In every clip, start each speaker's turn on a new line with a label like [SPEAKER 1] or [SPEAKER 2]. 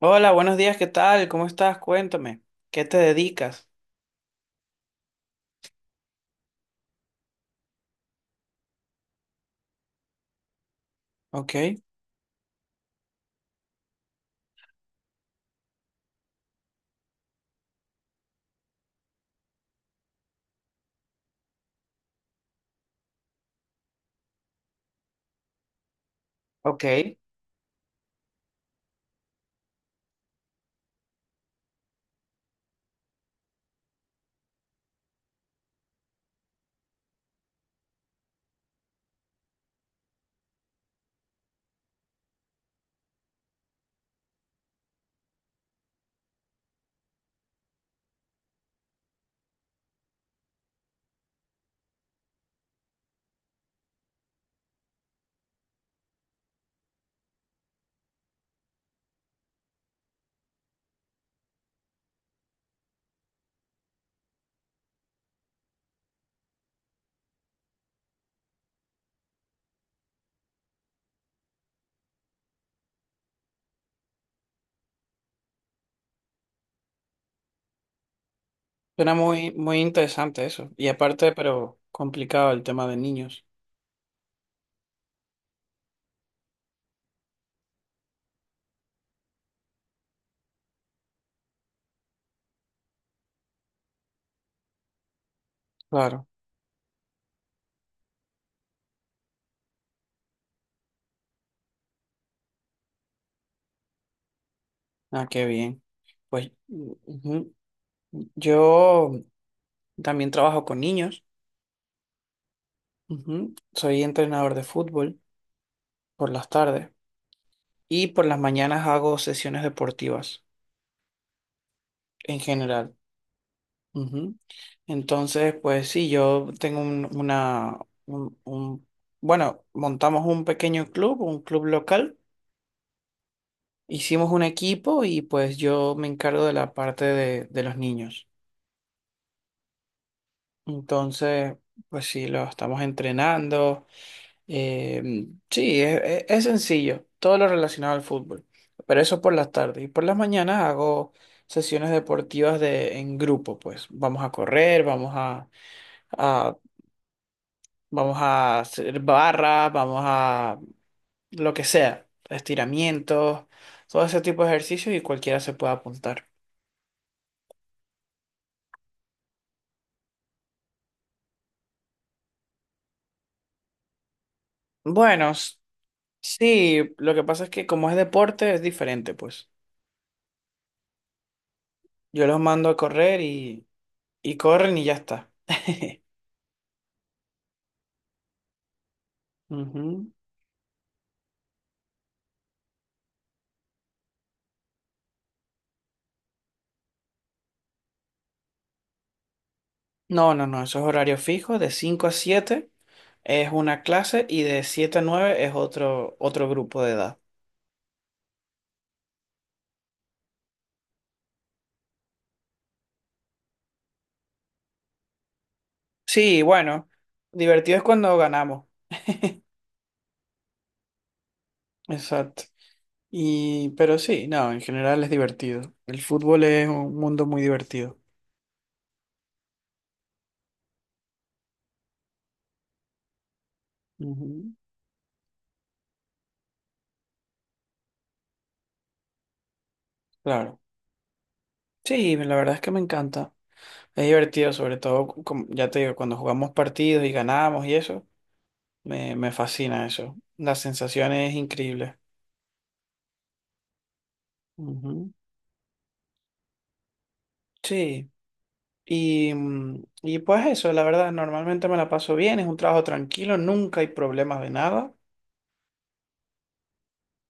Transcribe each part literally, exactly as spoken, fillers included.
[SPEAKER 1] Hola, buenos días, ¿qué tal? ¿Cómo estás? Cuéntame, ¿qué te dedicas? Ok, ok. Suena muy, muy interesante eso. Y aparte, pero complicado el tema de niños. Claro. Ah, qué bien. Pues ujú. Yo también trabajo con niños. Ujú. Soy entrenador de fútbol por las tardes y por las mañanas hago sesiones deportivas en general. Ujú. Entonces, pues sí, yo tengo un- una, un, un- bueno, montamos un pequeño club, un club local, hicimos un equipo y pues yo me encargo de la parte de, de los niños. Entonces, pues sí, lo estamos entrenando. eh, sí, es, es- es sencillo, todo lo relacionado al fútbol, pero eso por las tardes. Y por las mañanas hago sesiones deportivas de, en grupo, pues vamos a correr, vamos a... a vamos a hacer barra, vamos a lo que sea, estiramientos, todo ese tipo de ejercicios y cualquiera se puede apuntar. Bueno, s- sí, lo que pasa es que como es deporte es diferente, pues. Yo los mando a correr y, y corren y ya está. Ujú. No, no, no, eso es horario fijo, de cinco a siete es una clase y de siete a nueve es otro, otro grupo de edad. Sí, bueno, divertido es cuando ganamos. Exacto. Y, pero sí, no, en general es divertido. El fútbol es un mundo muy divertido. Ujú, claro. Sí, la verdad es que me encanta. Es divertido, sobre todo, como, ya te digo, cuando jugamos partidos y ganamos y eso, me, me fascina eso. La sensación es increíble. Ujú, sí. Y, mm, y pues eso, la verdad, normalmente me la paso bien, es un trabajo tranquilo, nunca hay problemas de nada.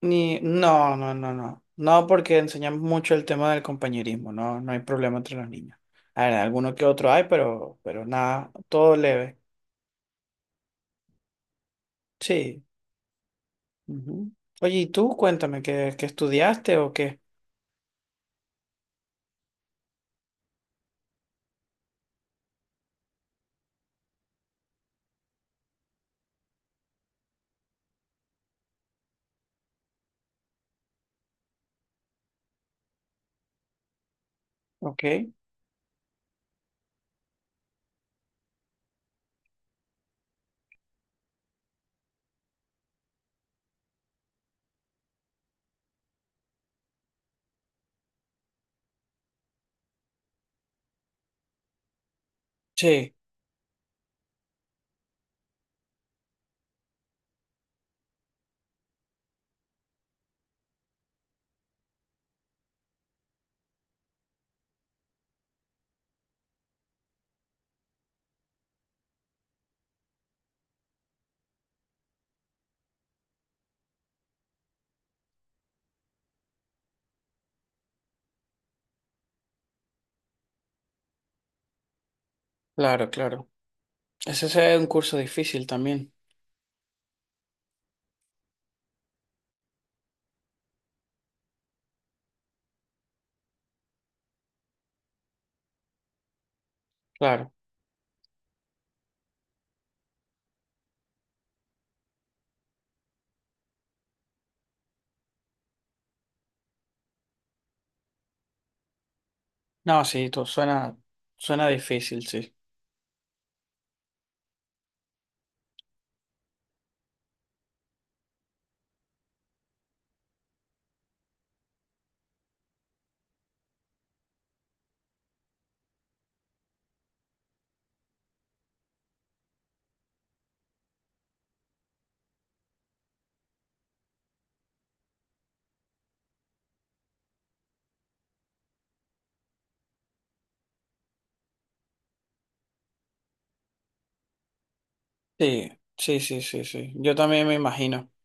[SPEAKER 1] Ni, no, no, no, no. No, porque enseñamos mucho el tema del compañerismo, no, no hay problema entre los niños. A ver, alguno que otro hay, pero, pero nada, todo leve. Sí. Ujú. Oye, y tú cuéntame, qué, ¿qué estudiaste o qué? Ok. Sí, claro, claro. Ese es un curso difícil también, claro. No, sí, tú, suena, suena difícil, sí. Sí, sí, sí, sí, sí. Yo también me imagino.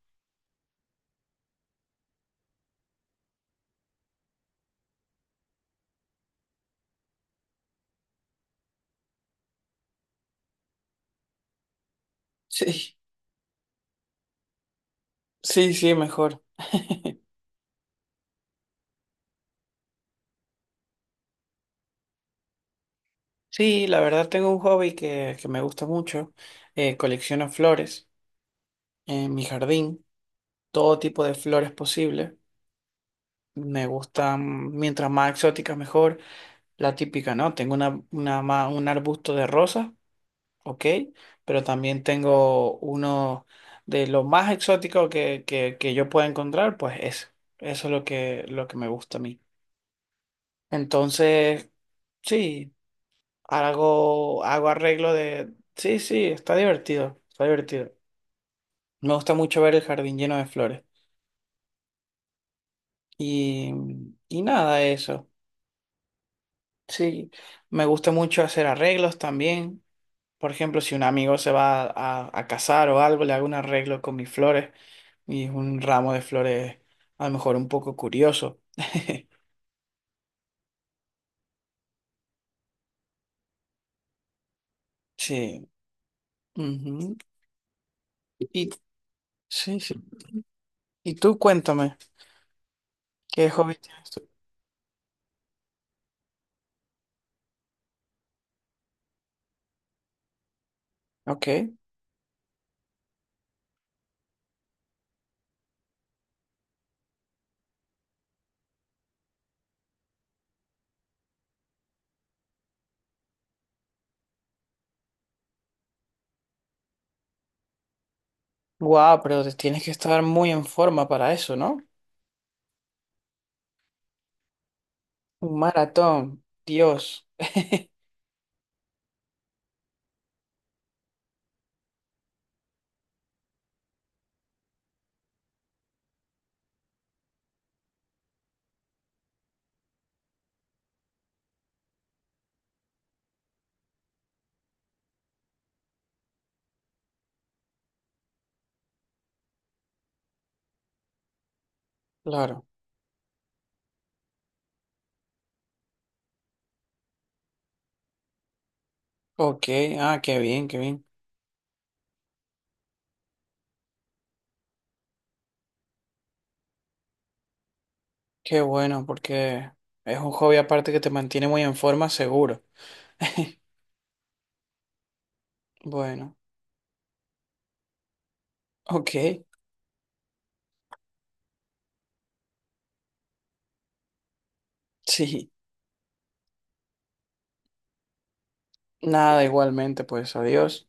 [SPEAKER 1] Sí, sí, sí, mejor. Sí, la verdad tengo un hobby que, que me gusta mucho. Eh, colecciono flores en mi jardín, todo tipo de flores posible. Me gustan, mientras más exóticas mejor. La típica, ¿no? Tengo una, una ma- un arbusto de rosas, ok, pero también tengo uno de lo más exótico que, que, que yo pueda encontrar, pues es. Eso es lo que, lo que me gusta a mí. Entonces, sí. Hago, hago arreglo de... Sí, sí, está divertido, está divertido. Me gusta mucho ver el jardín lleno de flores. Y, y nada, eso. Sí, me gusta mucho hacer arreglos también. Por ejemplo, si un amigo se va a, a casar o algo, le hago un arreglo con mis flores y es un ramo de flores a lo mejor un poco curioso. Sí. Ujú. Y sí, sí. Y tú cuéntame, ¿qué hobby tienes tú? Ok. Guau, pero te tienes que estar muy en forma para eso, ¿no? Un maratón, Dios. Claro. Ok, ah, qué bien, qué bien. Qué bueno, porque es un hobby aparte que te mantiene muy en forma, seguro. Bueno, ok, sí. Nada, igualmente, pues adiós.